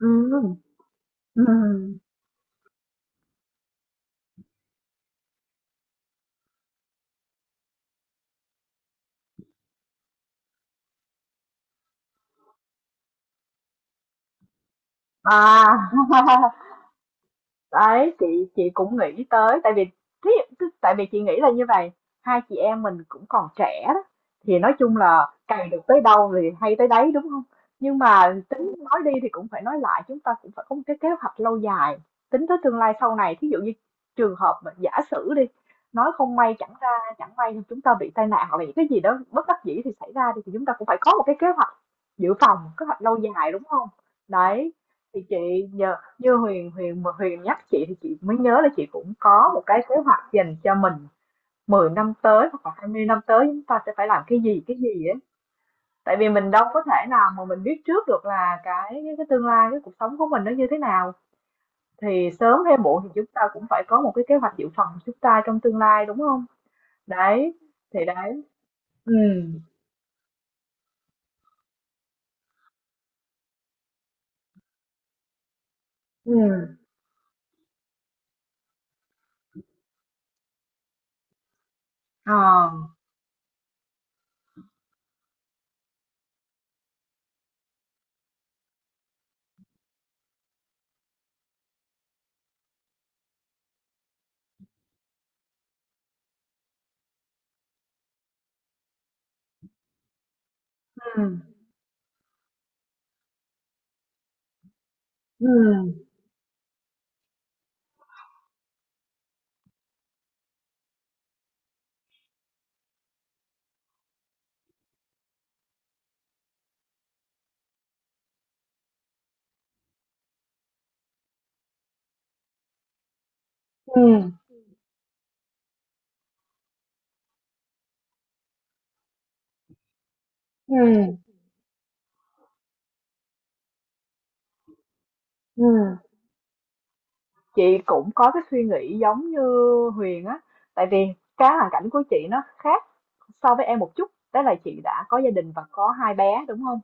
Ừm, ừm, à. Đấy, chị cũng nghĩ tới tại vì tại vì chị nghĩ là như vậy, hai chị em mình cũng còn trẻ đó thì nói chung là cày được tới đâu thì hay tới đấy, đúng không? Nhưng mà tính nói đi thì cũng phải nói lại, chúng ta cũng phải có một cái kế hoạch lâu dài, tính tới tương lai sau này, thí dụ như trường hợp mà giả sử đi, nói không may chẳng ra, chẳng may chúng ta bị tai nạn hoặc là những cái gì đó bất đắc dĩ thì xảy ra đi, thì chúng ta cũng phải có một cái kế hoạch dự phòng, kế hoạch lâu dài, đúng không? Đấy, thì chị nhờ như Huyền Huyền mà Huyền nhắc chị thì chị mới nhớ là chị cũng có một cái kế hoạch dành cho mình 10 năm tới hoặc là 20 năm tới, chúng ta sẽ phải làm cái gì ấy, tại vì mình đâu có thể nào mà mình biết trước được là cái tương lai cái cuộc sống của mình nó như thế nào, thì sớm hay muộn thì chúng ta cũng phải có một cái kế hoạch dự phòng của chúng ta trong tương lai, đúng không? Đấy, thì đấy. Ừ. Ừ. Ờ. Ừ. Ừ. Ừ. Ừ. Ừ. Chị cũng có cái suy nghĩ giống như Huyền á. Tại vì cái hoàn cảnh của chị nó khác so với em một chút, đó là chị đã có gia đình và có hai bé, đúng không?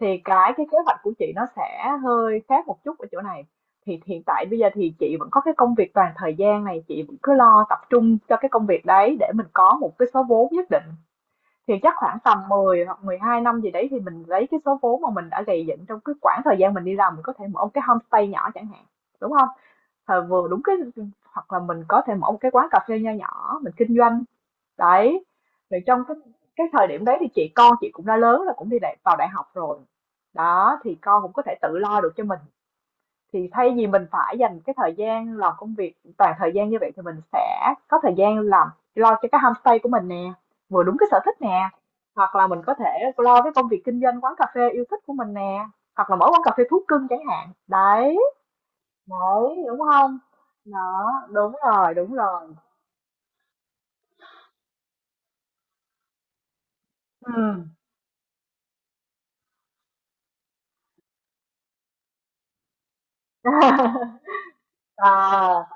Thì cái kế hoạch của chị nó sẽ hơi khác một chút ở chỗ này. Thì hiện tại bây giờ thì chị vẫn có cái công việc toàn thời gian này, chị vẫn cứ lo tập trung cho cái công việc đấy để mình có một cái số vốn nhất định, thì chắc khoảng tầm 10 hoặc 12 năm gì đấy thì mình lấy cái số vốn mà mình đã gầy dựng trong cái khoảng thời gian mình đi làm, mình có thể mở một cái homestay nhỏ chẳng hạn, đúng không? Thời vừa đúng cái, hoặc là mình có thể mở một cái quán cà phê nho nhỏ, mình kinh doanh, đấy. Rồi trong cái thời điểm đấy thì chị, con chị cũng đã lớn, là cũng đi đại vào đại học rồi. Đó, thì con cũng có thể tự lo được cho mình. Thì thay vì mình phải dành cái thời gian làm công việc toàn thời gian như vậy thì mình sẽ có thời gian làm, lo cho cái homestay của mình nè, vừa đúng cái sở thích nè, hoặc là mình có thể lo cái công việc kinh doanh quán cà phê yêu thích của mình nè, hoặc là mở quán cà phê thú cưng chẳng hạn. Đấy. Đấy, đúng không? Đó, đúng rồi, đúng rồi. Ừm. À,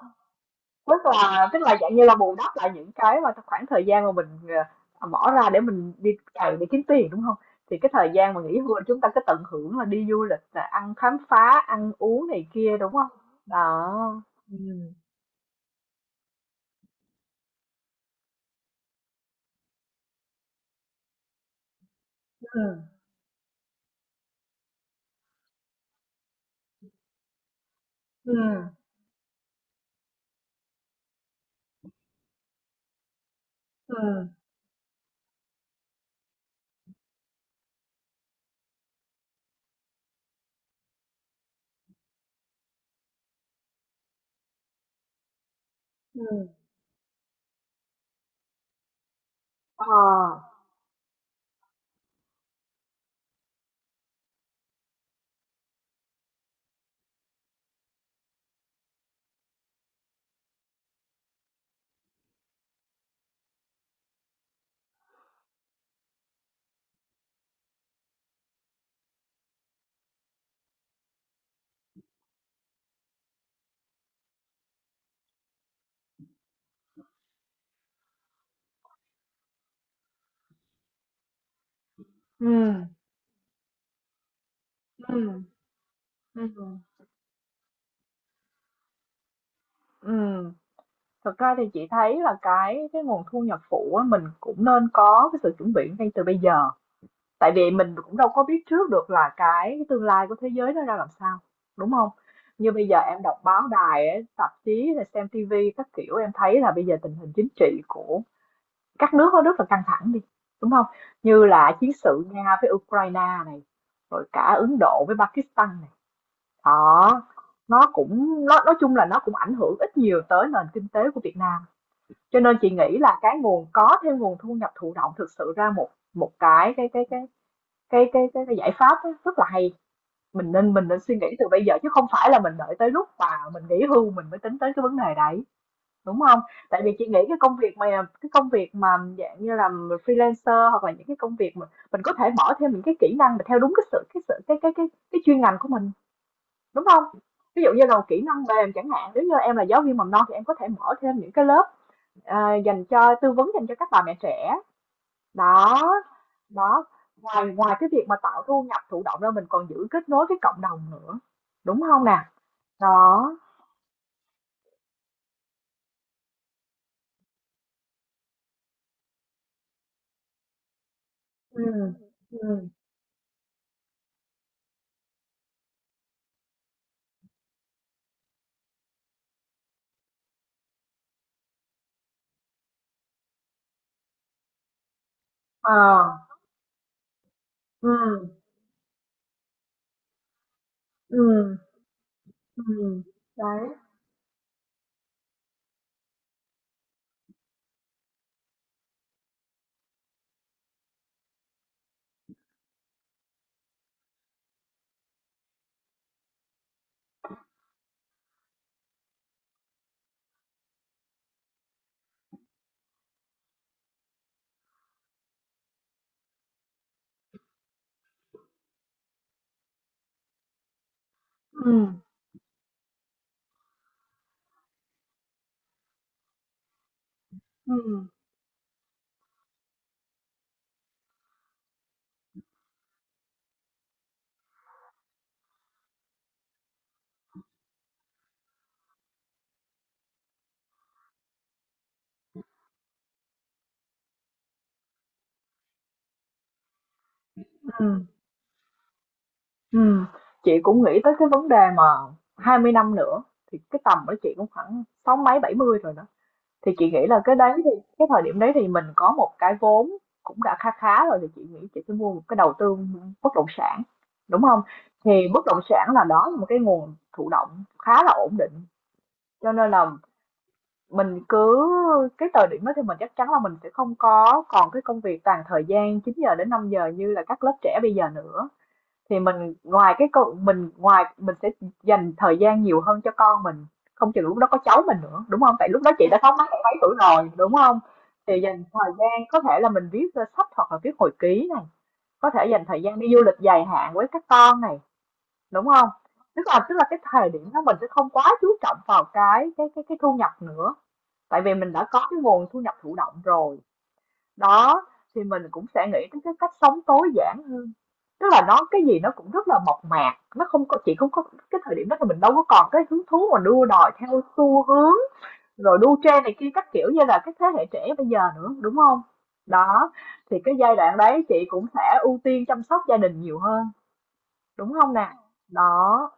tức là dạng như là bù đắp lại những cái mà trong khoảng thời gian mà mình, bỏ ra để mình đi cày để kiếm tiền, đúng không? Thì cái thời gian mà nghỉ hưu là chúng ta cứ tận hưởng, là đi du lịch nè, ăn khám phá, ăn uống này kia, đúng không? Đó. Ừ. Ừ. Ừ. Ừ. Ừ. Ờ. Ừm. Ừm. Ừm. Ừm. Thật ra thì chị thấy là cái nguồn thu nhập phụ á, mình cũng nên có cái sự chuẩn bị ngay từ bây giờ. Tại vì mình cũng đâu có biết trước được là cái tương lai của thế giới nó ra làm sao, đúng không? Như bây giờ em đọc báo đài, ấy, tạp chí, rồi xem tivi các kiểu, em thấy là bây giờ tình hình chính trị của các nước nó rất là căng thẳng đi, đúng không? Như là chiến sự Nga với Ukraine này, rồi cả Ấn Độ với Pakistan này. Đó, nó cũng, nó nói chung là nó cũng ảnh hưởng ít nhiều tới nền kinh tế của Việt Nam, cho nên chị nghĩ là cái nguồn, có thêm nguồn thu nhập thụ động thực sự ra một một cái giải pháp rất là hay. Mình nên suy nghĩ từ bây giờ chứ không phải là mình đợi tới lúc mà mình nghỉ hưu mình mới tính tới cái vấn đề đấy, đúng không? Tại vì chị nghĩ cái công việc mà dạng như là freelancer, hoặc là những cái công việc mà mình có thể mở thêm những cái kỹ năng mà theo đúng cái sự cái sự cái chuyên ngành của mình, đúng không? Ví dụ như là kỹ năng mềm chẳng hạn, nếu như em là giáo viên mầm non thì em có thể mở thêm những cái lớp. Ờ, dành cho tư vấn, dành cho các bà mẹ trẻ. Đó, đó, ngoài ngoài cái việc mà tạo thu nhập thụ động ra, mình còn giữ kết nối với cộng đồng nữa, đúng không nè? Đó. Ừm. Ừm. Ờ. Ừm. Ừm. Ừm. Đấy. Ừm. Ừm. Ừm. Ừm. Chị cũng nghĩ tới cái vấn đề mà 20 năm nữa thì cái tầm của chị cũng khoảng sáu mấy bảy mươi rồi đó. Thì chị nghĩ là cái đấy thì cái thời điểm đấy thì mình có một cái vốn cũng đã khá khá rồi, thì chị nghĩ chị sẽ mua một cái, đầu tư bất động sản, đúng không? Thì bất động sản là, đó là một cái nguồn thụ động khá là ổn định, cho nên là mình cứ, cái thời điểm đó thì mình chắc chắn là mình sẽ không có còn cái công việc toàn thời gian 9 giờ đến 5 giờ như là các lớp trẻ bây giờ nữa. Thì mình ngoài cái câu, mình ngoài, mình sẽ dành thời gian nhiều hơn cho con mình, không chừng lúc đó có cháu mình nữa, đúng không? Tại lúc đó chị đã 6 mấy bảy tuổi rồi, đúng không? Thì dành thời gian có thể là mình viết, ơ, sách hoặc là viết hồi ký này, có thể dành thời gian đi du lịch dài hạn với các con này, đúng không? Tức là cái thời điểm đó mình sẽ không quá chú trọng vào cái thu nhập nữa, tại vì mình đã có cái nguồn thu nhập thụ động rồi. Đó, thì mình cũng sẽ nghĩ đến cái cách sống tối giản hơn. Tức là nó cái gì nó cũng rất là mộc mạc, nó không có, chị không có, cái thời điểm đó thì mình đâu có còn cái hứng thú mà đua đòi theo xu hướng, rồi đua trend này kia các kiểu như là cái thế hệ trẻ bây giờ nữa, đúng không? Đó, thì cái giai đoạn đấy chị cũng sẽ ưu tiên chăm sóc gia đình nhiều hơn, đúng không nè? Đó.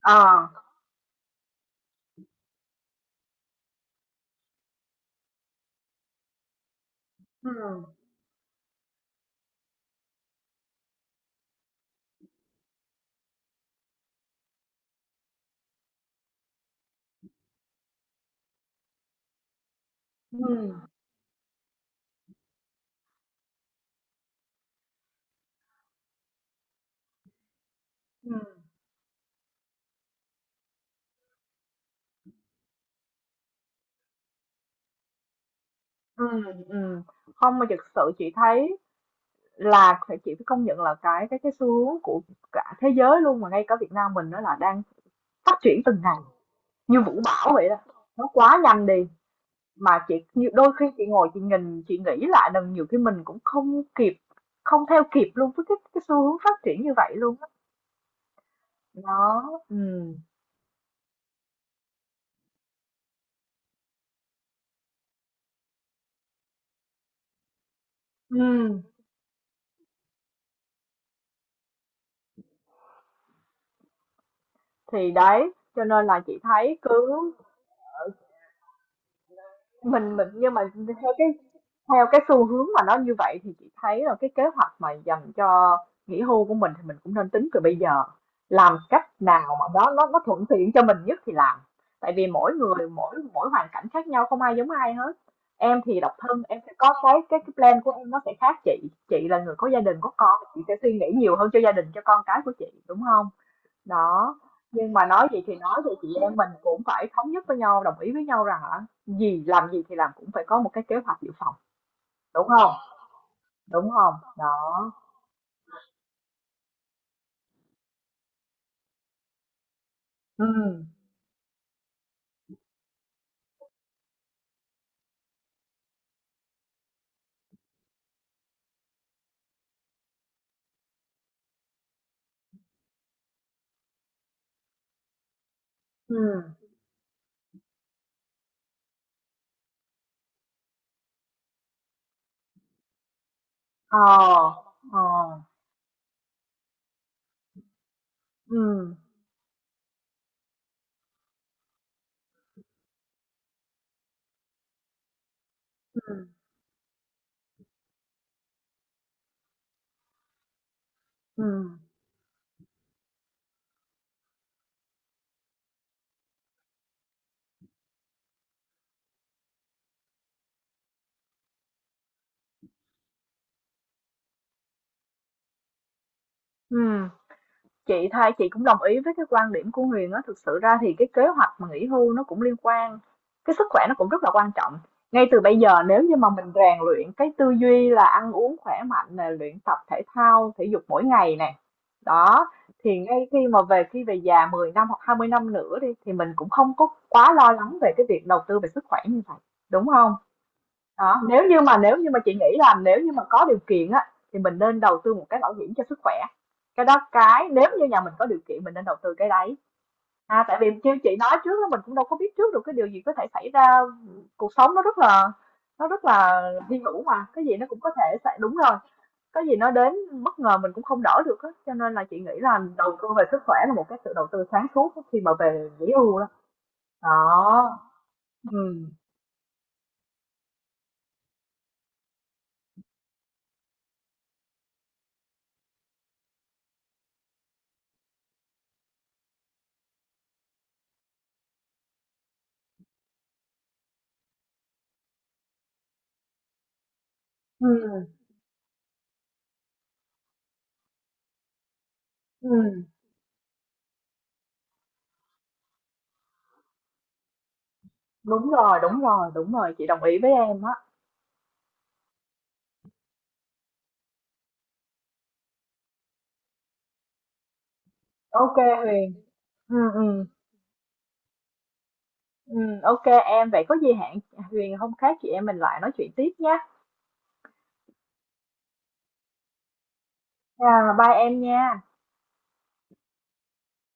Ờ. Ừ. Ừ. Ừ. Ừ. Ừ. Ừ. Không, mà thực sự chị thấy là phải, chị phải công nhận là cái xu hướng của cả thế giới luôn, mà ngay cả Việt Nam mình nó là đang phát triển từng ngày như vũ bão vậy đó, nó quá nhanh đi, mà chị như đôi khi chị ngồi chị nhìn chị nghĩ lại lần nhiều khi mình cũng không kịp, không theo kịp luôn với cái xu hướng phát triển như vậy luôn á. Đó. Ừ. ừ thì đấy cho nên là chị thấy cứ mình nhưng mà theo cái theo cái xu hướng mà nó như vậy thì chị thấy là cái kế hoạch mà dành cho nghỉ hưu của mình thì mình cũng nên tính từ bây giờ, làm cách nào mà nó thuận tiện cho mình nhất thì làm, tại vì mỗi người mỗi mỗi hoàn cảnh khác nhau, không ai giống ai hết. Em thì độc thân, em sẽ có cái plan của em nó sẽ khác, chị là người có gia đình có con chị sẽ suy nghĩ nhiều hơn cho gia đình cho con cái của chị, đúng không? Đó, nhưng mà nói vậy thì nói vậy, chị em mình cũng phải thống nhất với nhau, đồng ý với nhau rằng là gì làm gì thì làm cũng phải có một cái kế hoạch dự phòng, đúng không? Đúng không? Đó. Ừ. Ừ. Ờ. Ờ. Ừ. Ừ. Ừ. Ừ. Chị thay, chị cũng đồng ý với cái quan điểm của Huyền á. Thực sự ra thì cái kế hoạch mà nghỉ hưu nó cũng liên quan, cái sức khỏe nó cũng rất là quan trọng. Ngay từ bây giờ nếu như mà mình rèn luyện cái tư duy là ăn uống khỏe mạnh nè, luyện tập thể thao thể dục mỗi ngày nè. Đó, thì ngay khi mà về, khi về già 10 năm hoặc 20 năm nữa đi thì mình cũng không có quá lo lắng về cái việc đầu tư về sức khỏe như vậy, đúng không? Đó, nếu như mà, nếu như mà chị nghĩ là nếu như mà có điều kiện á thì mình nên đầu tư một cái bảo hiểm cho sức khỏe. Cái đó, cái nếu như nhà mình có điều kiện mình nên đầu tư cái đấy. À, tại vì như chị nói trước đó, mình cũng đâu có biết trước được cái điều gì có thể xảy ra, cuộc sống nó rất là, nó rất là hy hữu mà cái gì nó cũng có thể xảy, đúng rồi, có gì nó đến bất ngờ mình cũng không đỡ được á, cho nên là chị nghĩ là đầu tư về sức khỏe là một cái sự đầu tư sáng suốt á, khi mà về nghỉ hưu đó. Đó. Ừm. Ừm. Ừm. Đúng rồi, đúng rồi, đúng rồi, chị đồng ý với em á. Ok Huyền. Ừm, ừm, ok em, vậy có gì hẹn Huyền hôm khác chị em mình lại nói chuyện tiếp nhé. À, bye em nha.